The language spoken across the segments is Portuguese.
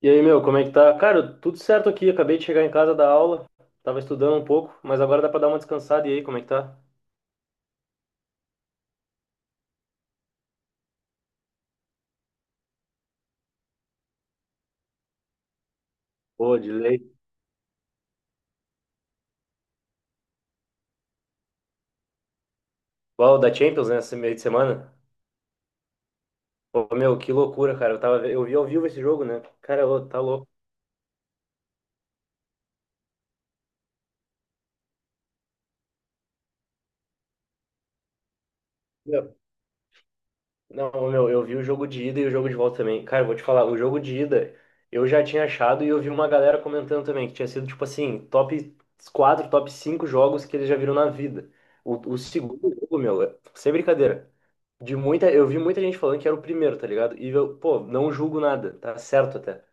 E aí, meu, como é que tá? Cara, tudo certo aqui. Acabei de chegar em casa da aula. Tava estudando um pouco, mas agora dá pra dar uma descansada. E aí, como é que tá? Pô, de lei. Uau, da Champions, né? Esse meio de semana. Pô, meu, que loucura, cara. Eu vi ao vivo esse jogo, né? Cara, ô, tá louco. Não, meu, eu vi o jogo de ida e o jogo de volta também. Cara, eu vou te falar, o jogo de ida eu já tinha achado e eu vi uma galera comentando também que tinha sido, tipo assim, top 4, top 5 jogos que eles já viram na vida. O segundo jogo, meu, sem brincadeira. De muita, eu vi muita gente falando que era o primeiro, tá ligado? E eu, pô, não julgo nada, tá certo até.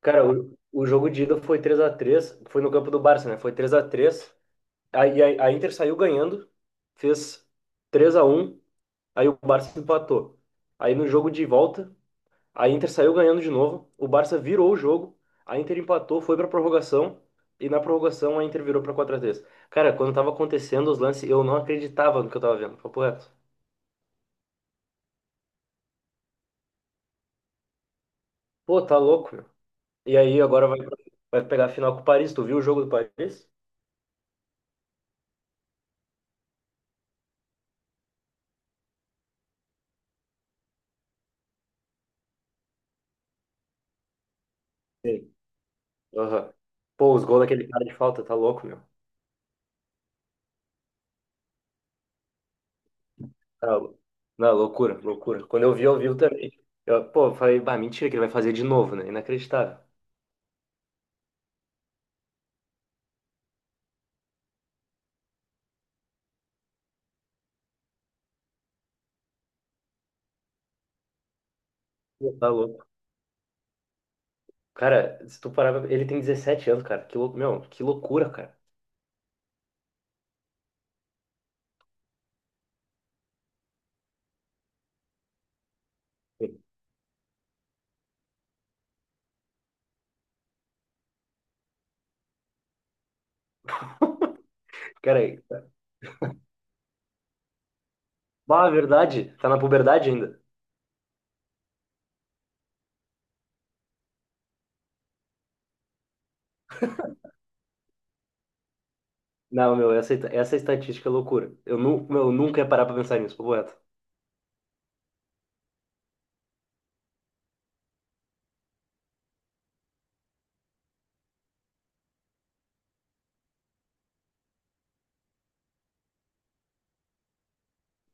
Cara, o jogo de ida foi 3-3, foi no campo do Barça, né? Foi 3-3. Aí a Inter saiu ganhando, fez 3-1. Aí o Barça empatou. Aí no jogo de volta, a Inter saiu ganhando de novo. O Barça virou o jogo. A Inter empatou, foi pra prorrogação. E na prorrogação a Inter virou pra 4-3. Cara, quando tava acontecendo os lances, eu não acreditava no que eu tava vendo. Papo reto. Pô, tá louco, meu. E aí agora vai, vai pegar a final com o Paris. Tu viu o jogo do Paris? Sim. Aham. Pô, os gols daquele cara de falta, tá louco, meu. Tá lou- Não, loucura, loucura. Quando eu vi também. Eu falei, bah, mentira que ele vai fazer de novo, né? Inacreditável. Pô, tá louco. Cara, se tu parar, ele tem 17 anos, cara. Meu, que loucura, cara. Cara, ah, é verdade, tá na puberdade ainda. Não, meu, essa estatística é loucura. Meu, eu nunca ia parar pra pensar nisso, papo reto.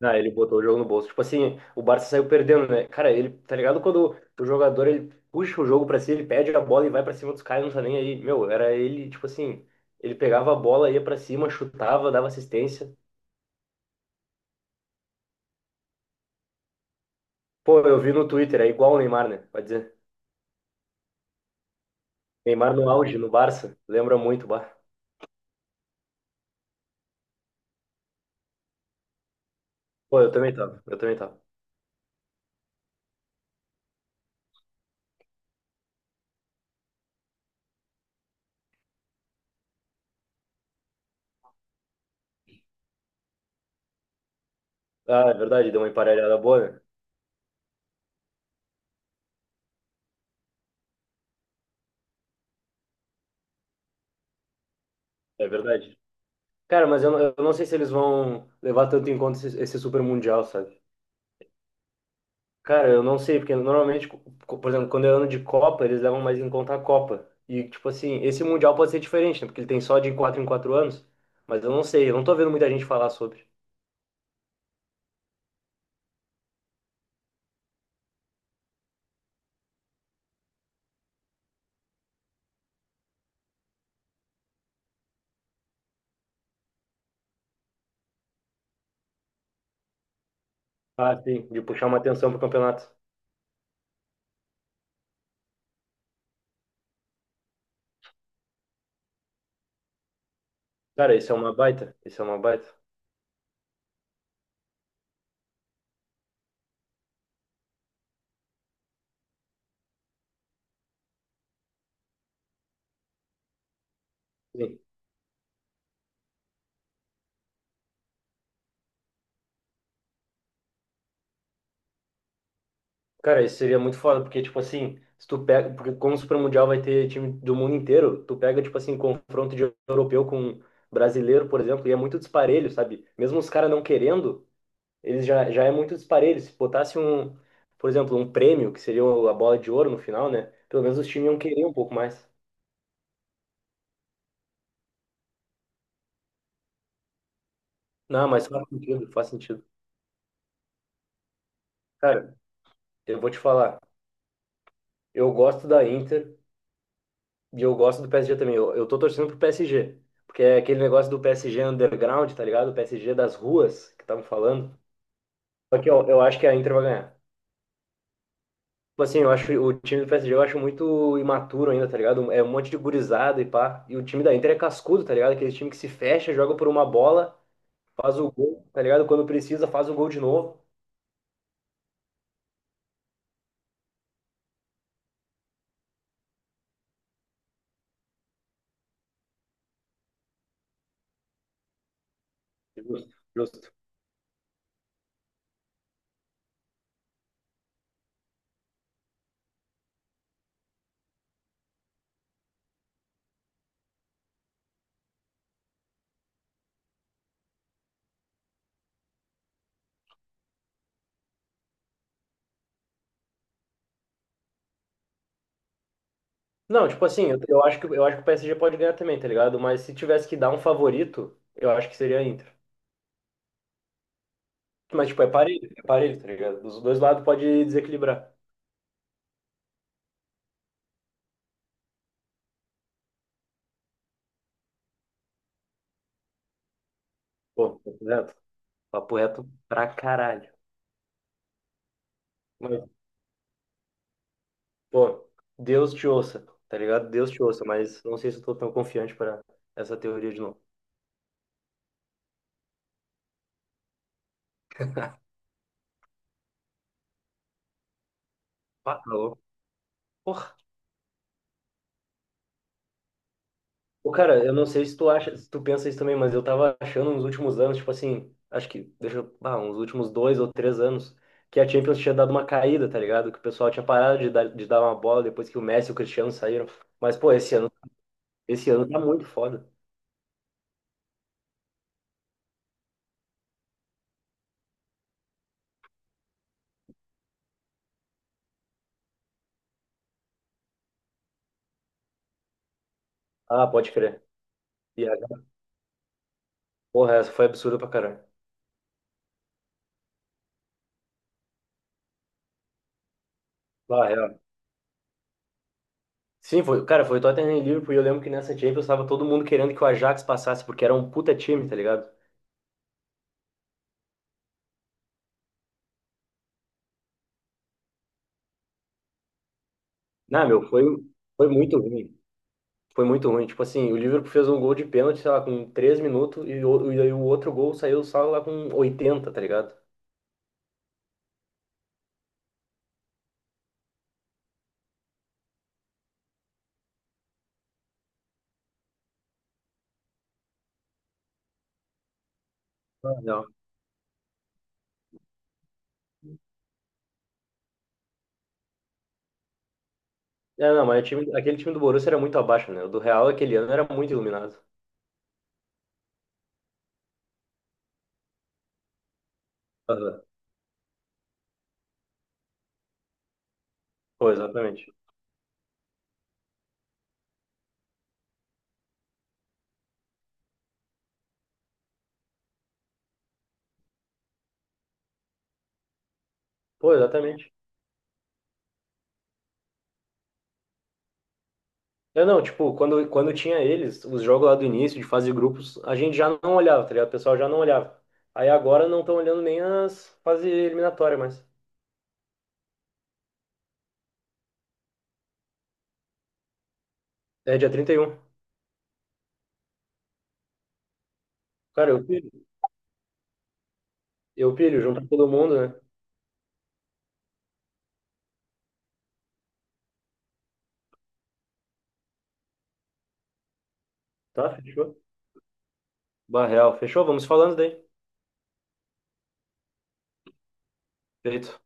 Ah, ele botou o jogo no bolso. Tipo assim, o Barça saiu perdendo, né? Cara, ele, tá ligado quando o jogador ele puxa o jogo pra si, ele pede a bola e vai pra cima dos caras, não tá nem aí. Meu, era ele, tipo assim, ele pegava a bola, ia pra cima, chutava, dava assistência. Pô, eu vi no Twitter, é igual o Neymar, né? Pode dizer. Neymar no auge, no Barça, lembra muito, bah. Pô, eu também tava, eu também tava. Ah, é verdade, deu uma emparelhada boa, né? É verdade. Cara, mas eu, eu não sei se eles vão levar tanto em conta esse Super Mundial, sabe? Cara, eu não sei, porque normalmente, por exemplo, quando é ano de Copa, eles levam mais em conta a Copa. E, tipo assim, esse Mundial pode ser diferente, né? Porque ele tem só de 4 em 4 anos. Mas eu não sei, eu não tô vendo muita gente falar sobre. Ah, sim, de puxar uma atenção pro campeonato. Cara, isso é uma baita, isso é uma baita. Sim. Cara, isso seria muito foda, porque, tipo assim, se tu pega, porque como o Super Mundial vai ter time do mundo inteiro, tu pega, tipo assim, confronto de europeu com brasileiro, por exemplo, e é muito disparelho, sabe? Mesmo os caras não querendo, eles já é muito disparelho. Se botasse um, por exemplo, um prêmio, que seria a bola de ouro no final, né? Pelo menos os times iam querer um pouco mais. Não, mas faz sentido, faz sentido. Cara, eu vou te falar, eu gosto da Inter, e eu gosto do PSG também. Eu tô torcendo pro PSG. Porque é aquele negócio do PSG underground, tá ligado? O PSG das ruas que estavam falando. Só que eu acho que a Inter vai ganhar. Tipo assim, eu acho o time do PSG eu acho muito imaturo ainda, tá ligado? É um monte de gurizada e pá. E o time da Inter é cascudo, tá ligado? Aquele time que se fecha, joga por uma bola, faz o gol, tá ligado? Quando precisa, faz o gol de novo. Justo, justo. Não, tipo assim, eu acho que o PSG pode ganhar também, tá ligado? Mas se tivesse que dar um favorito, eu acho que seria a Inter. Mas, tipo, é parelho, tá ligado? Dos dois lados pode desequilibrar. Pô, papo reto. Papo reto pra caralho. Mas, pô, Deus te ouça, tá ligado? Deus te ouça, mas não sei se eu tô tão confiante pra essa teoria de novo. Pá, tá louco. Porra. Ô, cara, eu não sei se tu acha, se tu pensa isso também, mas eu tava achando nos últimos anos, tipo assim, acho que, deixa eu, uns últimos 2 ou 3 anos, que a Champions tinha dado uma caída, tá ligado? Que o pessoal tinha parado de dar uma bola depois que o Messi e o Cristiano saíram. Mas, pô, esse ano tá muito foda. Ah, pode crer. BH. Porra, essa foi absurda pra caralho. Ah, real. Sim, foi, cara, foi Tottenham e Liverpool e eu lembro que nessa Champions tava todo mundo querendo que o Ajax passasse, porque era um puta time, tá ligado? Não, meu, foi muito ruim. Foi muito ruim. Tipo assim, o Liverpool fez um gol de pênalti, sei lá, com 3 minutos e aí o outro gol saiu só lá com 80, tá ligado? Ah, não. É, não, mas o time, aquele time do Borussia era muito abaixo, né? O do Real aquele ano era muito iluminado. Aham. Pô, exatamente. Pô, exatamente. Não, não, tipo, quando tinha eles, os jogos lá do início, de fase de grupos, a gente já não olhava, tá ligado? O pessoal já não olhava. Aí agora não estão olhando nem as fases eliminatórias mais. É dia 31. Cara, eu pilho, junto com todo mundo, né? Tá, fechou. Barreal, fechou, vamos falando daí. Feito.